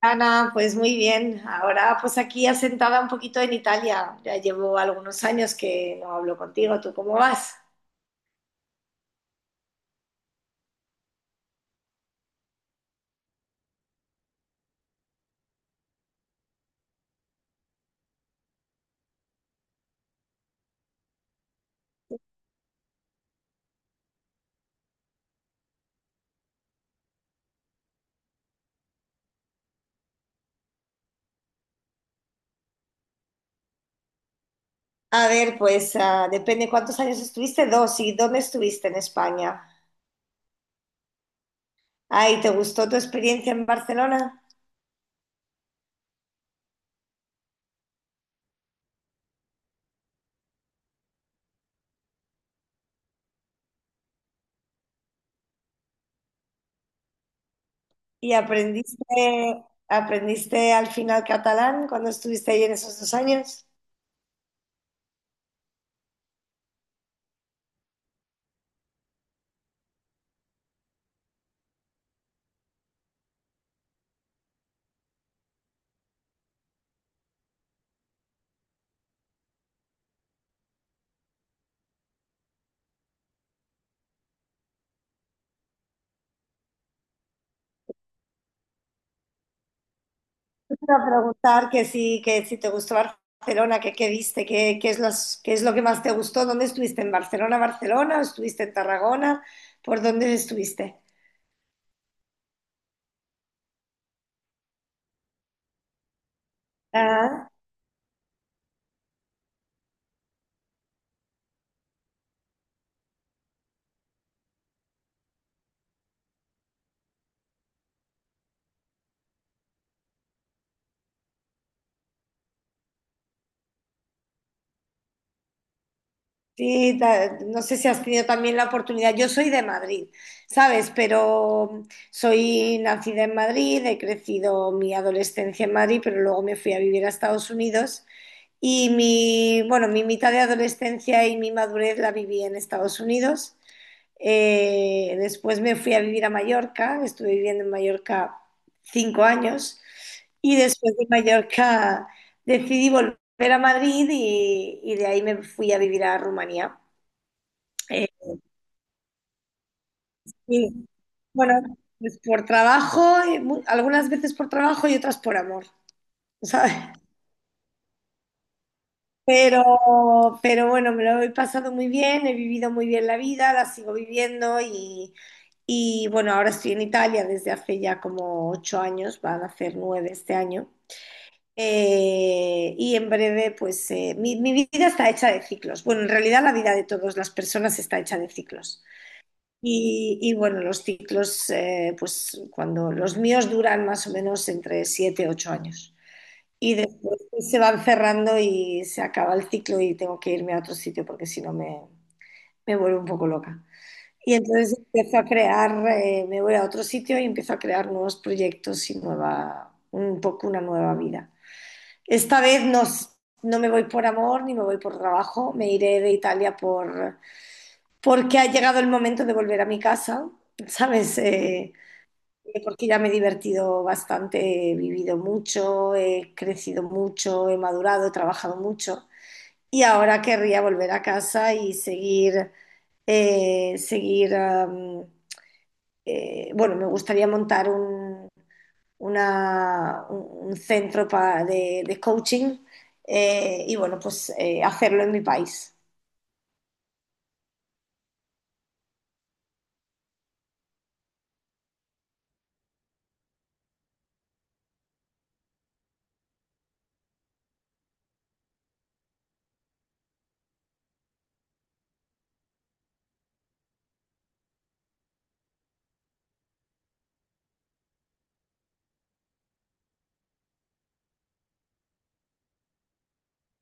Ana, pues muy bien. Ahora pues aquí asentada un poquito en Italia. Ya llevo algunos años que no hablo contigo. ¿Tú cómo vas? A ver, pues depende cuántos años estuviste. Dos. ¿Y dónde estuviste en España? Ay, ¿te gustó tu experiencia en Barcelona? ¿Y aprendiste al final catalán cuando estuviste ahí en esos dos años? Quiero preguntar que si te gustó Barcelona, que qué viste, que, qué es los, qué es lo que más te gustó, ¿dónde estuviste? ¿En Barcelona, Barcelona? ¿O estuviste en Tarragona? ¿Por dónde estuviste? Ah, sí, no sé si has tenido también la oportunidad. Yo soy de Madrid, ¿sabes? Pero soy nacida en Madrid, he crecido mi adolescencia en Madrid, pero luego me fui a vivir a Estados Unidos. Mi mitad de adolescencia y mi madurez la viví en Estados Unidos. Después me fui a vivir a Mallorca, estuve viviendo en Mallorca 5 años y después de Mallorca decidí volver a Madrid y de ahí me fui a vivir a Rumanía. Eh, y, bueno, pues por trabajo, algunas veces por trabajo y otras por amor, ¿sabes? Pero, pero bueno, me lo he pasado muy bien, he vivido muy bien la vida, la sigo viviendo y bueno, ahora estoy en Italia desde hace ya como 8 años, van a hacer 9 este año. Y en breve, pues mi vida está hecha de ciclos. Bueno, en realidad la vida de todas las personas está hecha de ciclos. Y bueno, los ciclos, pues cuando los míos duran más o menos entre 7 y 8 años. Y después pues se van cerrando y se acaba el ciclo y tengo que irme a otro sitio porque si no me, me vuelvo un poco loca. Y entonces empiezo a crear, me voy a otro sitio y empiezo a crear nuevos proyectos y nueva, un poco una nueva vida. Esta vez no, no me voy por amor ni me voy por trabajo, me iré de Italia porque ha llegado el momento de volver a mi casa, ¿sabes? Porque ya me he divertido bastante, he vivido mucho, he crecido mucho, he madurado, he trabajado mucho y ahora querría volver a casa y seguir, eh, seguir, am, bueno, me gustaría montar un centro de coaching, y bueno, pues hacerlo en mi país.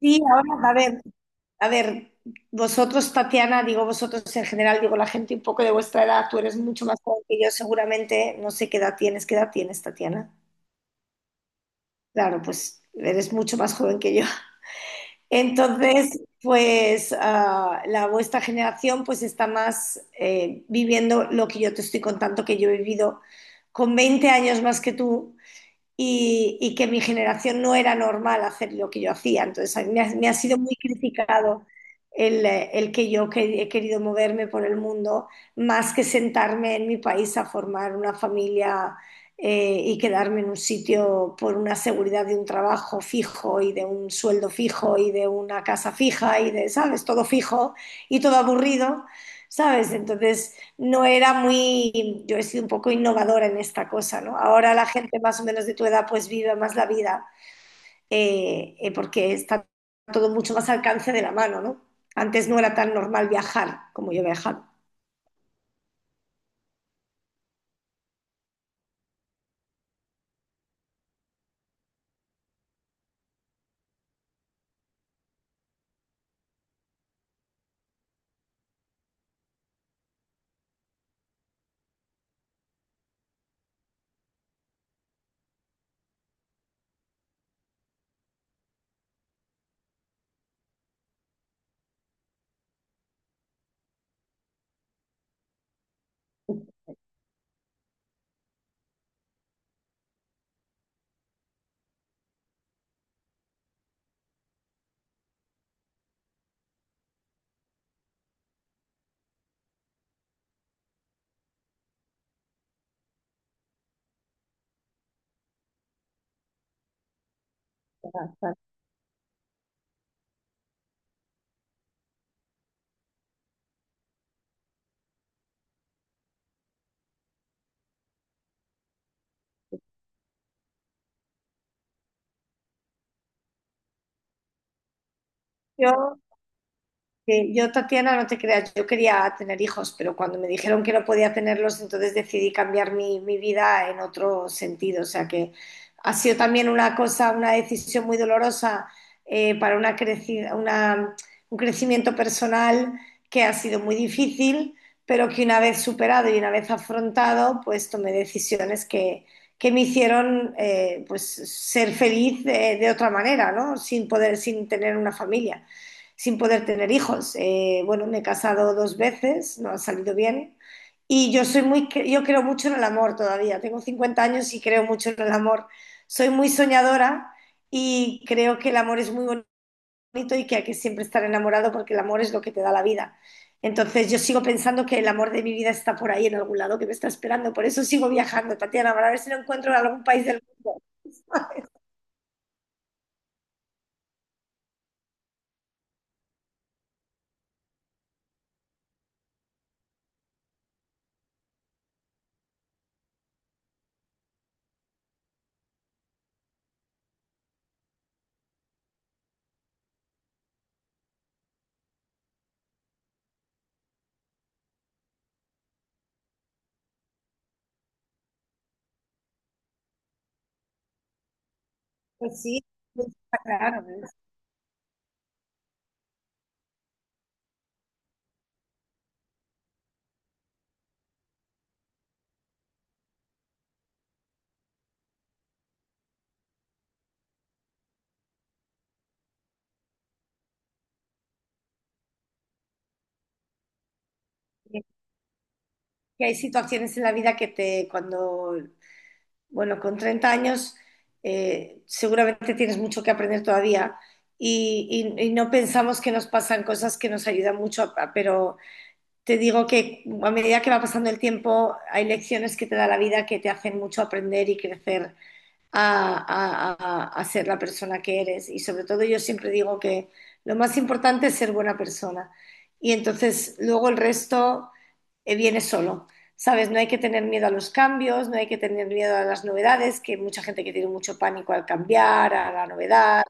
Sí, ahora, a ver, vosotros, Tatiana, digo vosotros en general, digo la gente un poco de vuestra edad, tú eres mucho más joven que yo, seguramente, no sé qué edad tienes. ¿Qué edad tienes, Tatiana? Claro, pues eres mucho más joven que yo. Entonces, la vuestra generación pues está más viviendo lo que yo te estoy contando que yo he vivido con 20 años más que tú y que mi generación no era normal hacer lo que yo hacía. Entonces, a mí me ha sido muy criticado el que he querido moverme por el mundo más que sentarme en mi país a formar una familia, y quedarme en un sitio por una seguridad de un trabajo fijo y de un sueldo fijo y de una casa fija y de, ¿sabes? Todo fijo y todo aburrido, ¿sabes? Entonces no era muy, yo he sido un poco innovadora en esta cosa, ¿no? Ahora la gente más o menos de tu edad pues vive más la vida, porque está todo mucho más al alcance de la mano, ¿no? Antes no era tan normal viajar como yo he viajado. Yo Sí, yo, Tatiana, no te creas, yo quería tener hijos, pero cuando me dijeron que no podía tenerlos, entonces decidí cambiar mi vida en otro sentido. O sea que ha sido también una cosa, una decisión muy dolorosa, para una creci- una- un crecimiento personal que ha sido muy difícil, pero que una vez superado y una vez afrontado, pues tomé decisiones que me hicieron pues ser feliz, de otra manera, ¿no? Sin poder, sin tener una familia, sin poder tener hijos. Bueno, me he casado dos veces, no ha salido bien. Y yo soy muy, yo creo mucho en el amor todavía. Tengo 50 años y creo mucho en el amor. Soy muy soñadora y creo que el amor es muy bonito y que hay que siempre estar enamorado porque el amor es lo que te da la vida. Entonces yo sigo pensando que el amor de mi vida está por ahí en algún lado, que me está esperando. Por eso sigo viajando, Tatiana, para ver si lo encuentro en algún país del mundo. Pues sí, pues, claro. Es Que hay situaciones en la vida cuando, bueno, con 30 años seguramente tienes mucho que aprender todavía y no pensamos que nos pasan cosas que nos ayudan mucho, pero te digo que a medida que va pasando el tiempo hay lecciones que te da la vida que te hacen mucho aprender y crecer a ser la persona que eres. Y sobre todo yo siempre digo que lo más importante es ser buena persona. Y entonces luego el resto viene solo. ¿Sabes? No hay que tener miedo a los cambios, no hay que tener miedo a las novedades, que hay mucha gente que tiene mucho pánico al cambiar, a la novedad,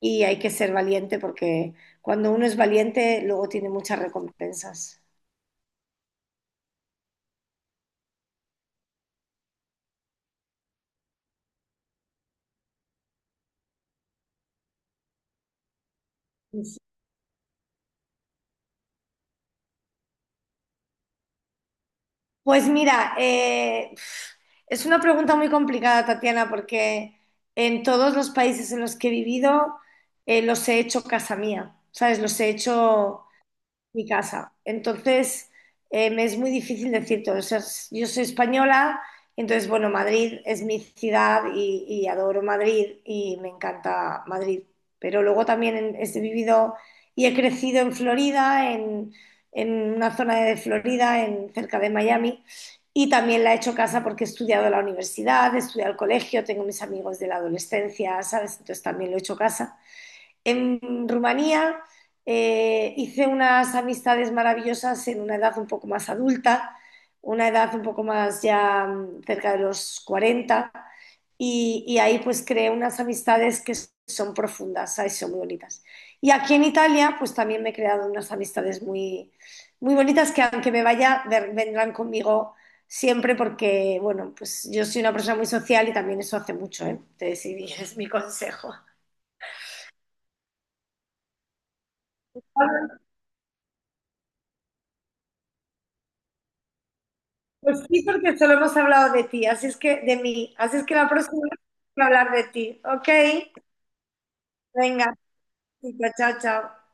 y hay que ser valiente porque cuando uno es valiente, luego tiene muchas recompensas. Pues mira, es una pregunta muy complicada, Tatiana, porque en todos los países en los que he vivido los he hecho casa mía, ¿sabes? Los he hecho mi casa. Entonces, me es muy difícil decir todo. O sea, yo soy española, entonces, bueno, Madrid es mi ciudad y adoro Madrid y me encanta Madrid. Pero luego también he vivido y he crecido en Florida, en una zona de Florida, en, cerca de Miami. Y también la he hecho casa porque he estudiado en la universidad, he estudiado el colegio, tengo mis amigos de la adolescencia, ¿sabes? Entonces también lo he hecho casa. En Rumanía hice unas amistades maravillosas en una edad un poco más adulta, una edad un poco más ya cerca de los 40 y ahí pues creé unas amistades que son profundas, ¿sabes? Son muy bonitas. Y aquí en Italia pues también me he creado unas amistades muy bonitas que aunque me vaya vendrán conmigo siempre porque, bueno, pues yo soy una persona muy social y también eso hace mucho, ¿eh? Entonces, sí, es mi consejo. Pues sí, porque solo hemos hablado de ti, así es que de mí, así es que la próxima hay que hablar de ti, ¿ok? Venga, chica, chao, chao.